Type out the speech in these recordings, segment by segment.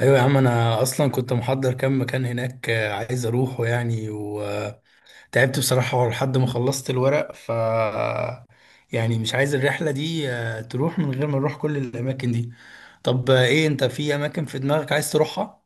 ايوه يا عم، انا اصلا كنت محضر كام مكان هناك، عايز اروحه يعني، وتعبت بصراحه لحد ما خلصت الورق يعني مش عايز الرحله دي تروح من غير ما نروح كل الاماكن دي. طب، ايه انت، في اماكن في دماغك عايز تروحها؟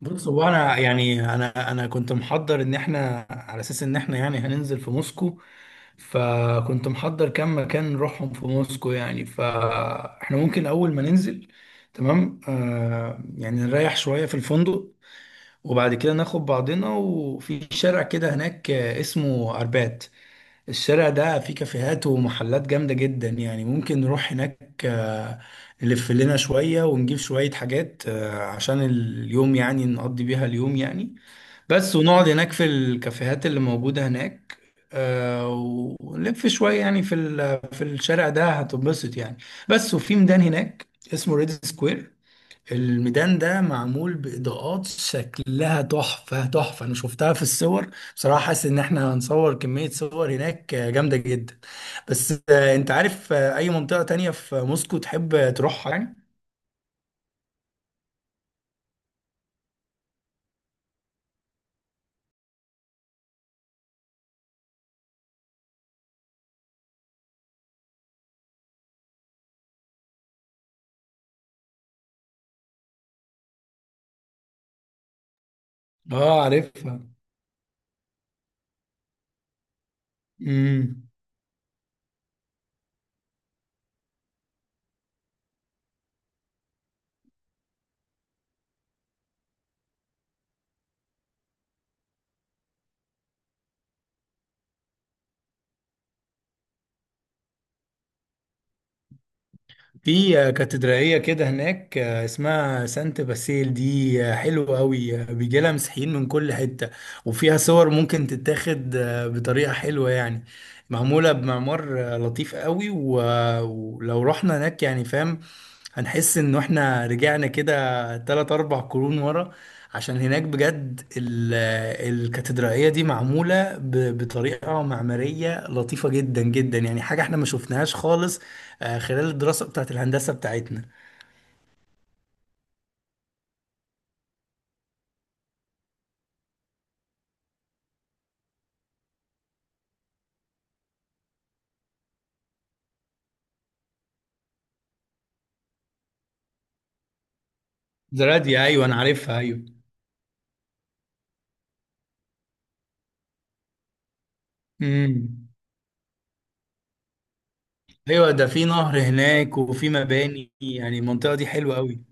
بص، هو انا يعني انا كنت محضر ان احنا على اساس ان احنا يعني هننزل في موسكو، فكنت محضر كام مكان نروحهم في موسكو يعني. فاحنا ممكن اول ما ننزل تمام، آه يعني نريح شوية في الفندق، وبعد كده ناخد بعضنا. وفي شارع كده هناك اسمه اربات. الشارع ده فيه كافيهات ومحلات جامدة جدا، يعني ممكن نروح هناك نلف لنا شوية ونجيب شوية حاجات عشان اليوم، يعني نقضي بيها اليوم يعني بس. ونقعد هناك في الكافيهات اللي موجودة هناك، آه، ونلف شوية يعني في في الشارع ده، هتنبسط يعني بس. وفي ميدان هناك اسمه ريد سكوير. الميدان ده معمول بإضاءات شكلها تحفة تحفة، أنا شفتها في الصور، بصراحة حاسس إن إحنا هنصور كمية صور هناك جامدة جدا. بس، أنت عارف أي منطقة تانية في موسكو تحب تروحها يعني؟ آه، عارفها. مم. في كاتدرائية كده هناك اسمها سانت باسيل، دي حلوة قوي، بيجي لها مسيحيين من كل حتة. وفيها صور ممكن تتاخد بطريقة حلوة يعني، معمولة بمعمار لطيف قوي، ولو رحنا هناك، يعني فاهم، هنحس ان احنا رجعنا كده 3 4 قرون ورا، عشان هناك بجد الكاتدرائية دي معمولة بطريقة معمارية لطيفة جدا جدا، يعني حاجة احنا ما شفناهاش خالص خلال الدراسة بتاعت الهندسة بتاعتنا. زراديا، ايوه انا عارفها، ايوه. امم. ايوه، ده في نهر هناك وفي مباني، يعني المنطقة دي حلوة قوي.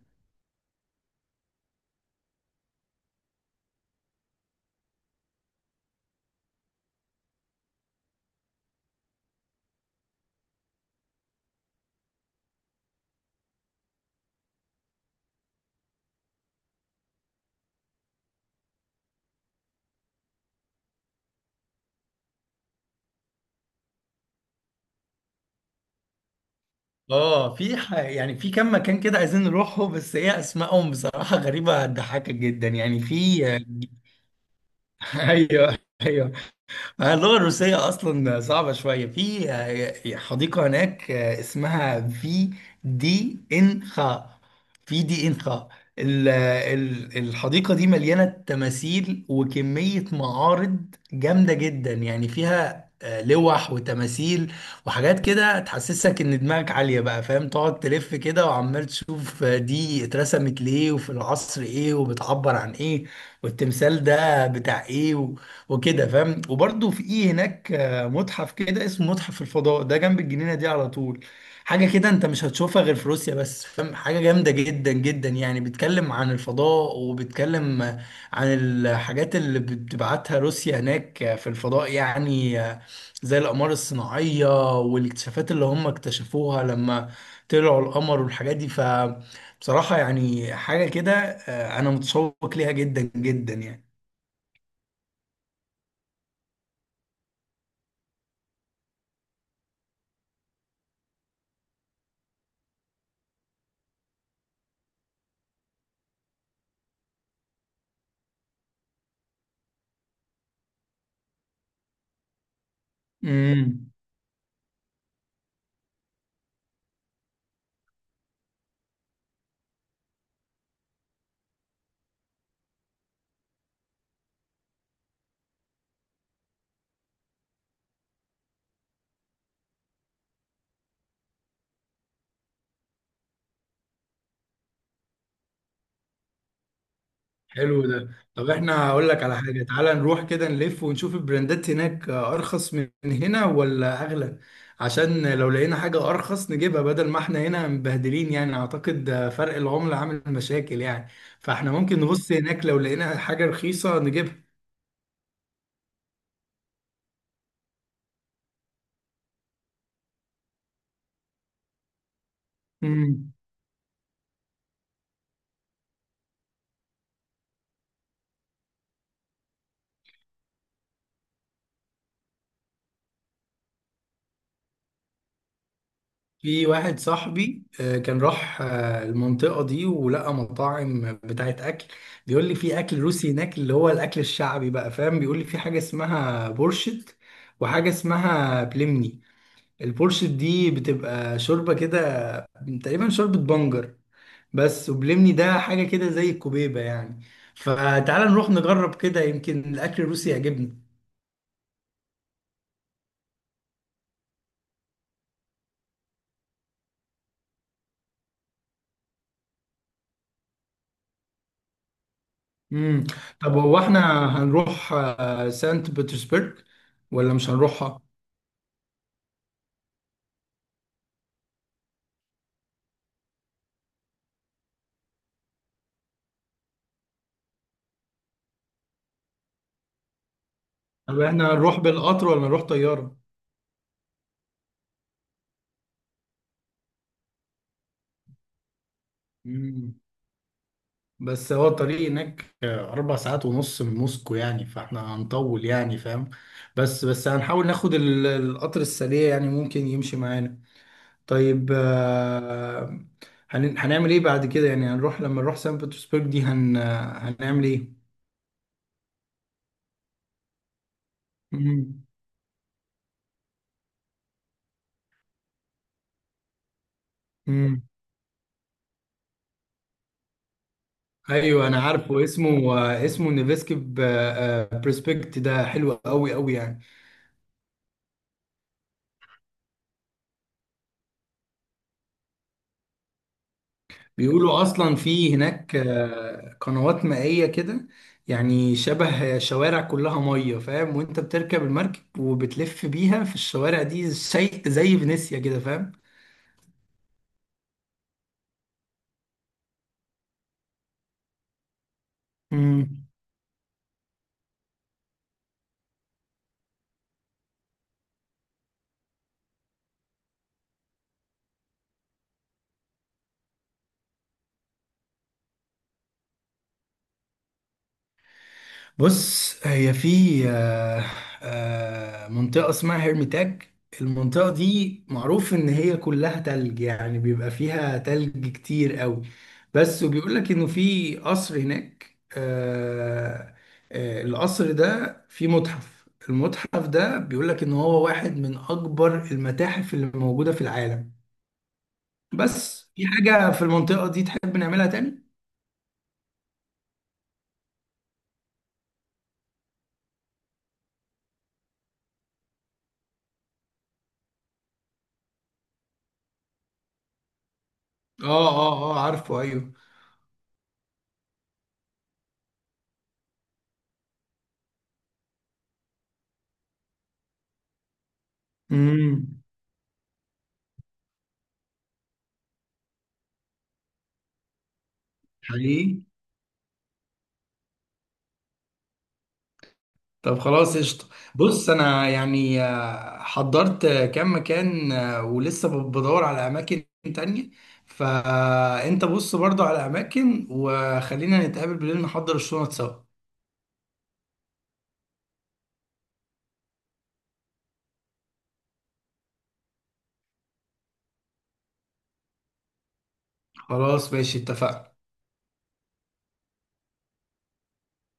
اه، في يعني في كم مكان كده عايزين نروحه، بس ايه اسمائهم بصراحة غريبة هتضحكك جدا، يعني في... ايوه، ايوه. اللغه الروسيه اصلا صعبه شويه. في حديقه هناك اسمها في دي ان خا. في دي ان خا. الحديقه دي مليانه تماثيل وكميه معارض جامده جدا، يعني فيها لوح وتماثيل وحاجات كده تحسسك ان دماغك عاليه، بقى فاهم، تقعد تلف كده وعمال تشوف دي اترسمت ليه وفي العصر ايه وبتعبر عن ايه، والتمثال ده بتاع ايه، وكده فاهم. وبرضه في ايه هناك متحف كده اسمه متحف الفضاء، ده جنب الجنينه دي على طول. حاجه كده انت مش هتشوفها غير في روسيا، بس فاهم، حاجه جامده جدا جدا، يعني بيتكلم عن الفضاء وبيتكلم عن الحاجات اللي بتبعتها روسيا هناك في الفضاء، يعني زي الاقمار الصناعيه والاكتشافات اللي هم اكتشفوها لما طلعوا القمر والحاجات دي. فبصراحه يعني حاجه كده، انا متشوق ليها جدا جدا يعني. امم. حلو ده. طب احنا، هقول لك على حاجة، تعالى نروح كده نلف ونشوف البراندات هناك أرخص من هنا ولا أغلى. عشان لو لقينا حاجة أرخص نجيبها بدل ما احنا هنا مبهدلين، يعني أعتقد فرق العملة عامل مشاكل يعني. فاحنا ممكن نبص هناك، لو لقينا حاجة رخيصة نجيبها. مم. في واحد صاحبي كان راح المنطقة دي ولقى مطاعم بتاعت أكل، بيقول لي في أكل روسي هناك اللي هو الأكل الشعبي، بقى فاهم، بيقول لي في حاجة اسمها بورشت وحاجة اسمها بلمني. البورشت دي بتبقى شوربة كده، تقريبا شوربة بنجر بس. وبلمني ده حاجة كده زي الكوبيبة يعني. فتعال نروح نجرب كده، يمكن الأكل الروسي يعجبنا. مم. طب هو احنا هنروح سانت بطرسبرغ ولا مش هنروحها؟ طب احنا هنروح بالقطر ولا نروح طيارة؟ مم. بس هو الطريق هناك 4 ساعات ونص من موسكو، يعني فاحنا هنطول، يعني فاهم. بس هنحاول ناخد القطر السريع، يعني ممكن يمشي معانا. طيب، هنعمل ايه بعد كده؟ يعني هنروح، لما نروح سان بطرسبرج دي هنعمل ايه؟ مم. مم. ايوه، انا عارفه اسمه، اسمه نيفسكي بريسبكت، ده حلو قوي قوي يعني. بيقولوا اصلا في هناك قنوات مائية كده، يعني شبه شوارع كلها مية، فاهم، وانت بتركب المركب وبتلف بيها في الشوارع دي زي فينيسيا كده. فاهم. بص، هي في آه، منطقة اسمها هرميتاج. المنطقة دي معروف إن هي كلها تلج، يعني بيبقى فيها تلج كتير قوي بس. وبيقول لك إنه في قصر هناك، القصر ده فيه متحف. المتحف ده بيقول لك إن هو واحد من أكبر المتاحف اللي موجودة في العالم. بس في حاجة في المنطقة دي تحب نعملها تاني؟ عارفه، أيوه. امم. حقيقي. طب خلاص، قشطة. بص أنا يعني حضرت كام مكان ولسه بدور على أماكن تانية. فأنت بص برضو على أماكن، وخلينا نتقابل بالليل نحضر الشنط سوا. خلاص ماشي، اتفقنا.